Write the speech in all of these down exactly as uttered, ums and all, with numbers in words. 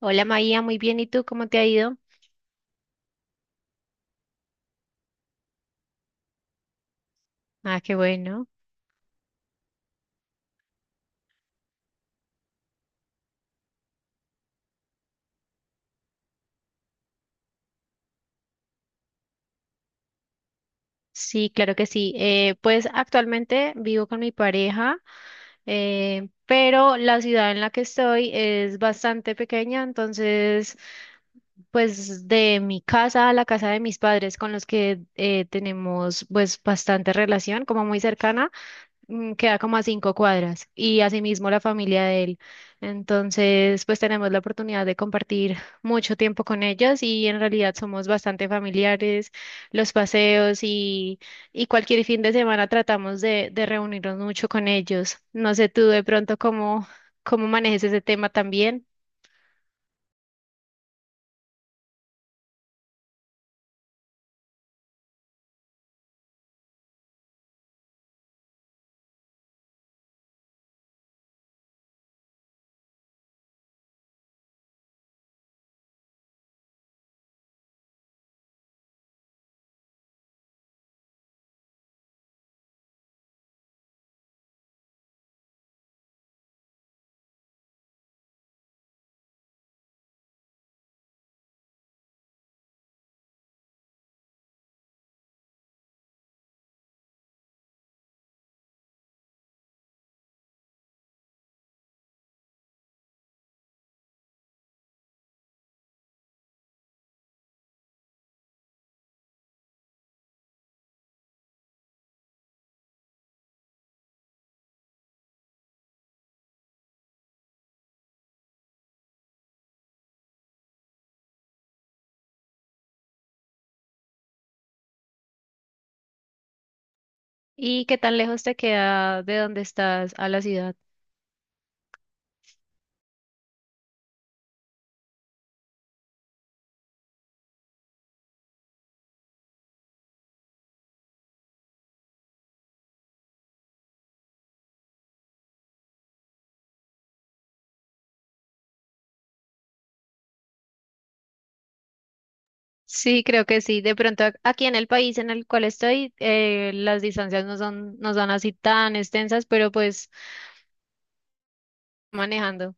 Hola María, muy bien. ¿Y tú cómo te ha ido? Ah, qué bueno. Sí, claro que sí. Eh, pues actualmente vivo con mi pareja, eh, pero la ciudad en la que estoy es bastante pequeña, entonces pues de mi casa a la casa de mis padres con los que eh, tenemos pues bastante relación, como muy cercana. Mm, queda como a cinco cuadras y asimismo la familia de él. Entonces, pues tenemos la oportunidad de compartir mucho tiempo con ellas y en realidad somos bastante familiares, los paseos y, y cualquier fin de semana tratamos de, de reunirnos mucho con ellos. No sé tú de pronto cómo, cómo manejes ese tema también. ¿Y qué tan lejos te queda de donde estás a la ciudad? Sí, creo que sí. De pronto ac- aquí en el país en el cual estoy, eh, las distancias no son, no son así tan extensas, pero pues manejando.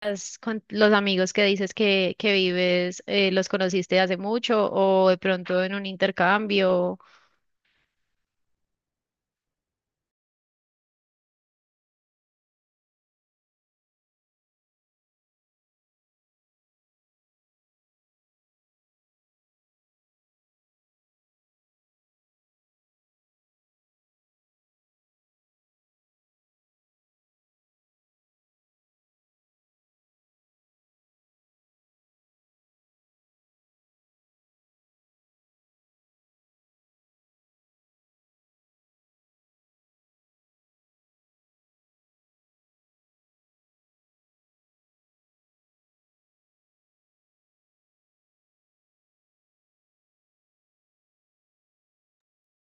Has con los amigos que dices que, que vives, eh, ¿los conociste hace mucho o de pronto en un intercambio?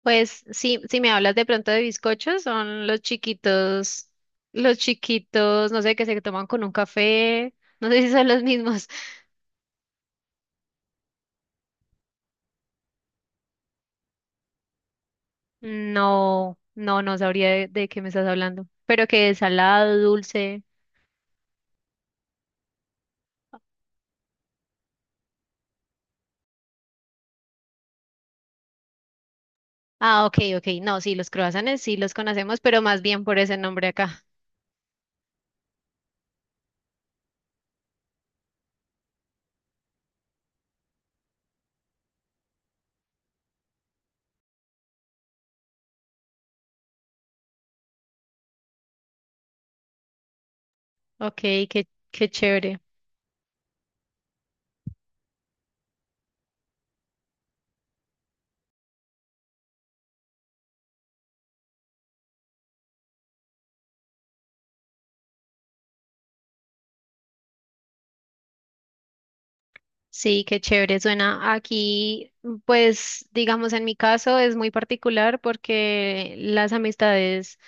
Pues sí, si me hablas de pronto de bizcochos, son los chiquitos, los chiquitos, no sé, que se toman con un café, no sé si son los mismos. No, no, no sabría de, de qué me estás hablando, pero que es salado, ¿dulce? Ah, ok, ok, no, sí, los croissants sí los conocemos, pero más bien por ese nombre acá. Ok, qué, qué chévere. Sí, qué chévere suena. Aquí, pues, digamos, en mi caso es muy particular porque las amistades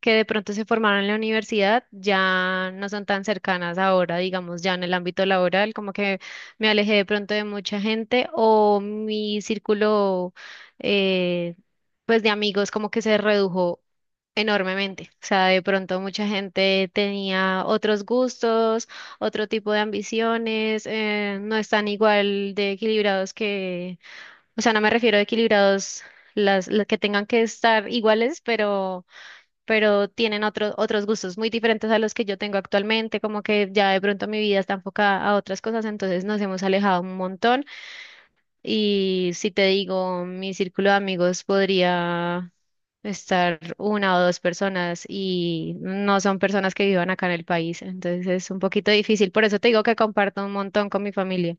que de pronto se formaron en la universidad ya no son tan cercanas ahora, digamos, ya en el ámbito laboral, como que me alejé de pronto de mucha gente o mi círculo eh, pues de amigos como que se redujo enormemente. O sea, de pronto mucha gente tenía otros gustos, otro tipo de ambiciones, eh, no están igual de equilibrados que, o sea, no me refiero a equilibrados las las que tengan que estar iguales, pero pero tienen otros otros gustos muy diferentes a los que yo tengo actualmente, como que ya de pronto mi vida está enfocada a otras cosas, entonces nos hemos alejado un montón y si te digo, mi círculo de amigos podría estar una o dos personas y no son personas que vivan acá en el país, entonces es un poquito difícil, por eso te digo que comparto un montón con mi familia.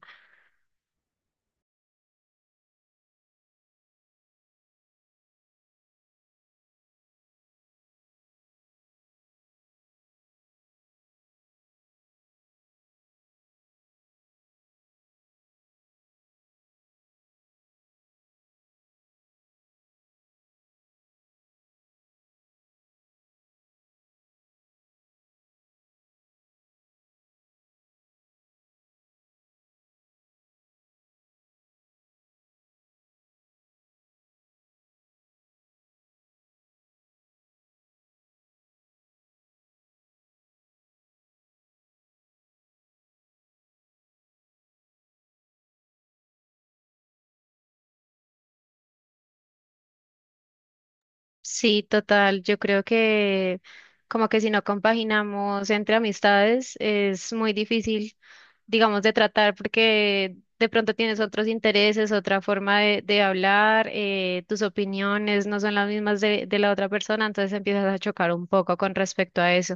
Sí, total. Yo creo que como que si no compaginamos entre amistades es muy difícil, digamos, de tratar porque de pronto tienes otros intereses, otra forma de, de hablar, eh, tus opiniones no son las mismas de, de la otra persona, entonces empiezas a chocar un poco con respecto a eso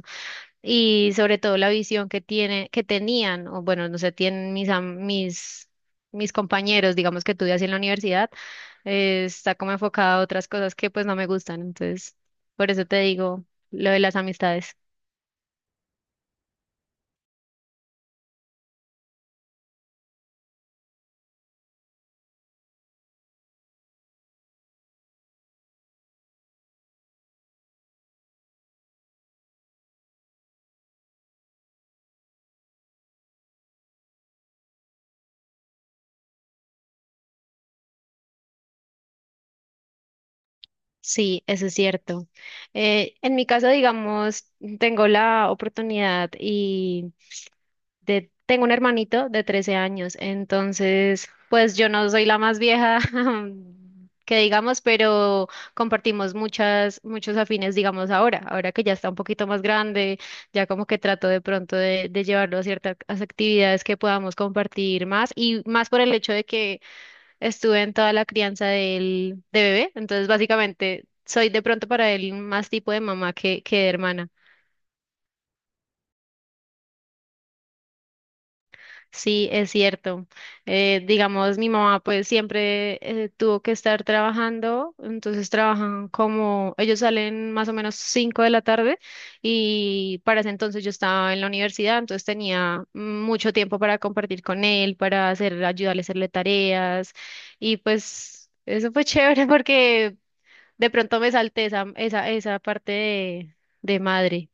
y sobre todo la visión que tiene, que tenían, o bueno, no sé, tienen mis, am- mis, mis compañeros, digamos que estudié así en la universidad, eh, está como enfocada a otras cosas que pues no me gustan, entonces por eso te digo lo de las amistades. Sí, eso es cierto. Eh, en mi caso, digamos, tengo la oportunidad de, tengo un hermanito de trece años, entonces, pues yo no soy la más vieja que digamos, pero compartimos muchas, muchos afines, digamos, ahora, ahora que ya está un poquito más grande, ya como que trato de pronto de, de llevarlo a ciertas actividades que podamos compartir más y más por el hecho de que estuve en toda la crianza del, de bebé, entonces básicamente soy de pronto para él más tipo de mamá que, que de hermana. Sí, es cierto. Eh, digamos, mi mamá pues siempre eh, tuvo que estar trabajando, entonces trabajan como, ellos salen más o menos cinco de la tarde y para ese entonces yo estaba en la universidad, entonces tenía mucho tiempo para compartir con él, para hacer, ayudarle a hacerle tareas y pues eso fue chévere porque de pronto me salté esa, esa, esa parte de, de madre.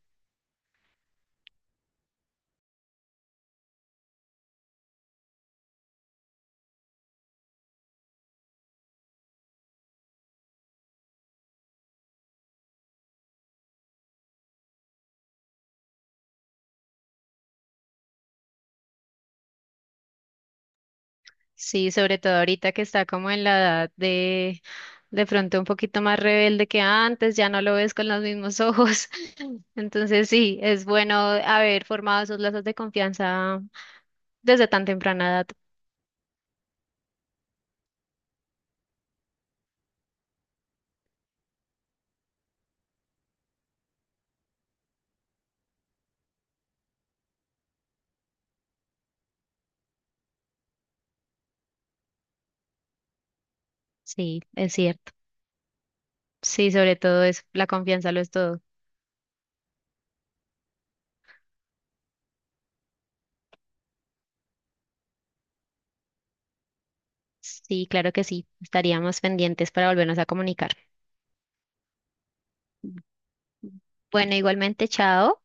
Sí, sobre todo ahorita que está como en la edad de de pronto un poquito más rebelde que antes, ya no lo ves con los mismos ojos. Entonces sí, es bueno haber formado esos lazos de confianza desde tan temprana edad. Sí, es cierto. Sí, sobre todo es la confianza lo es todo. Sí, claro que sí. Estaríamos pendientes para volvernos a comunicar. Bueno, igualmente, chao.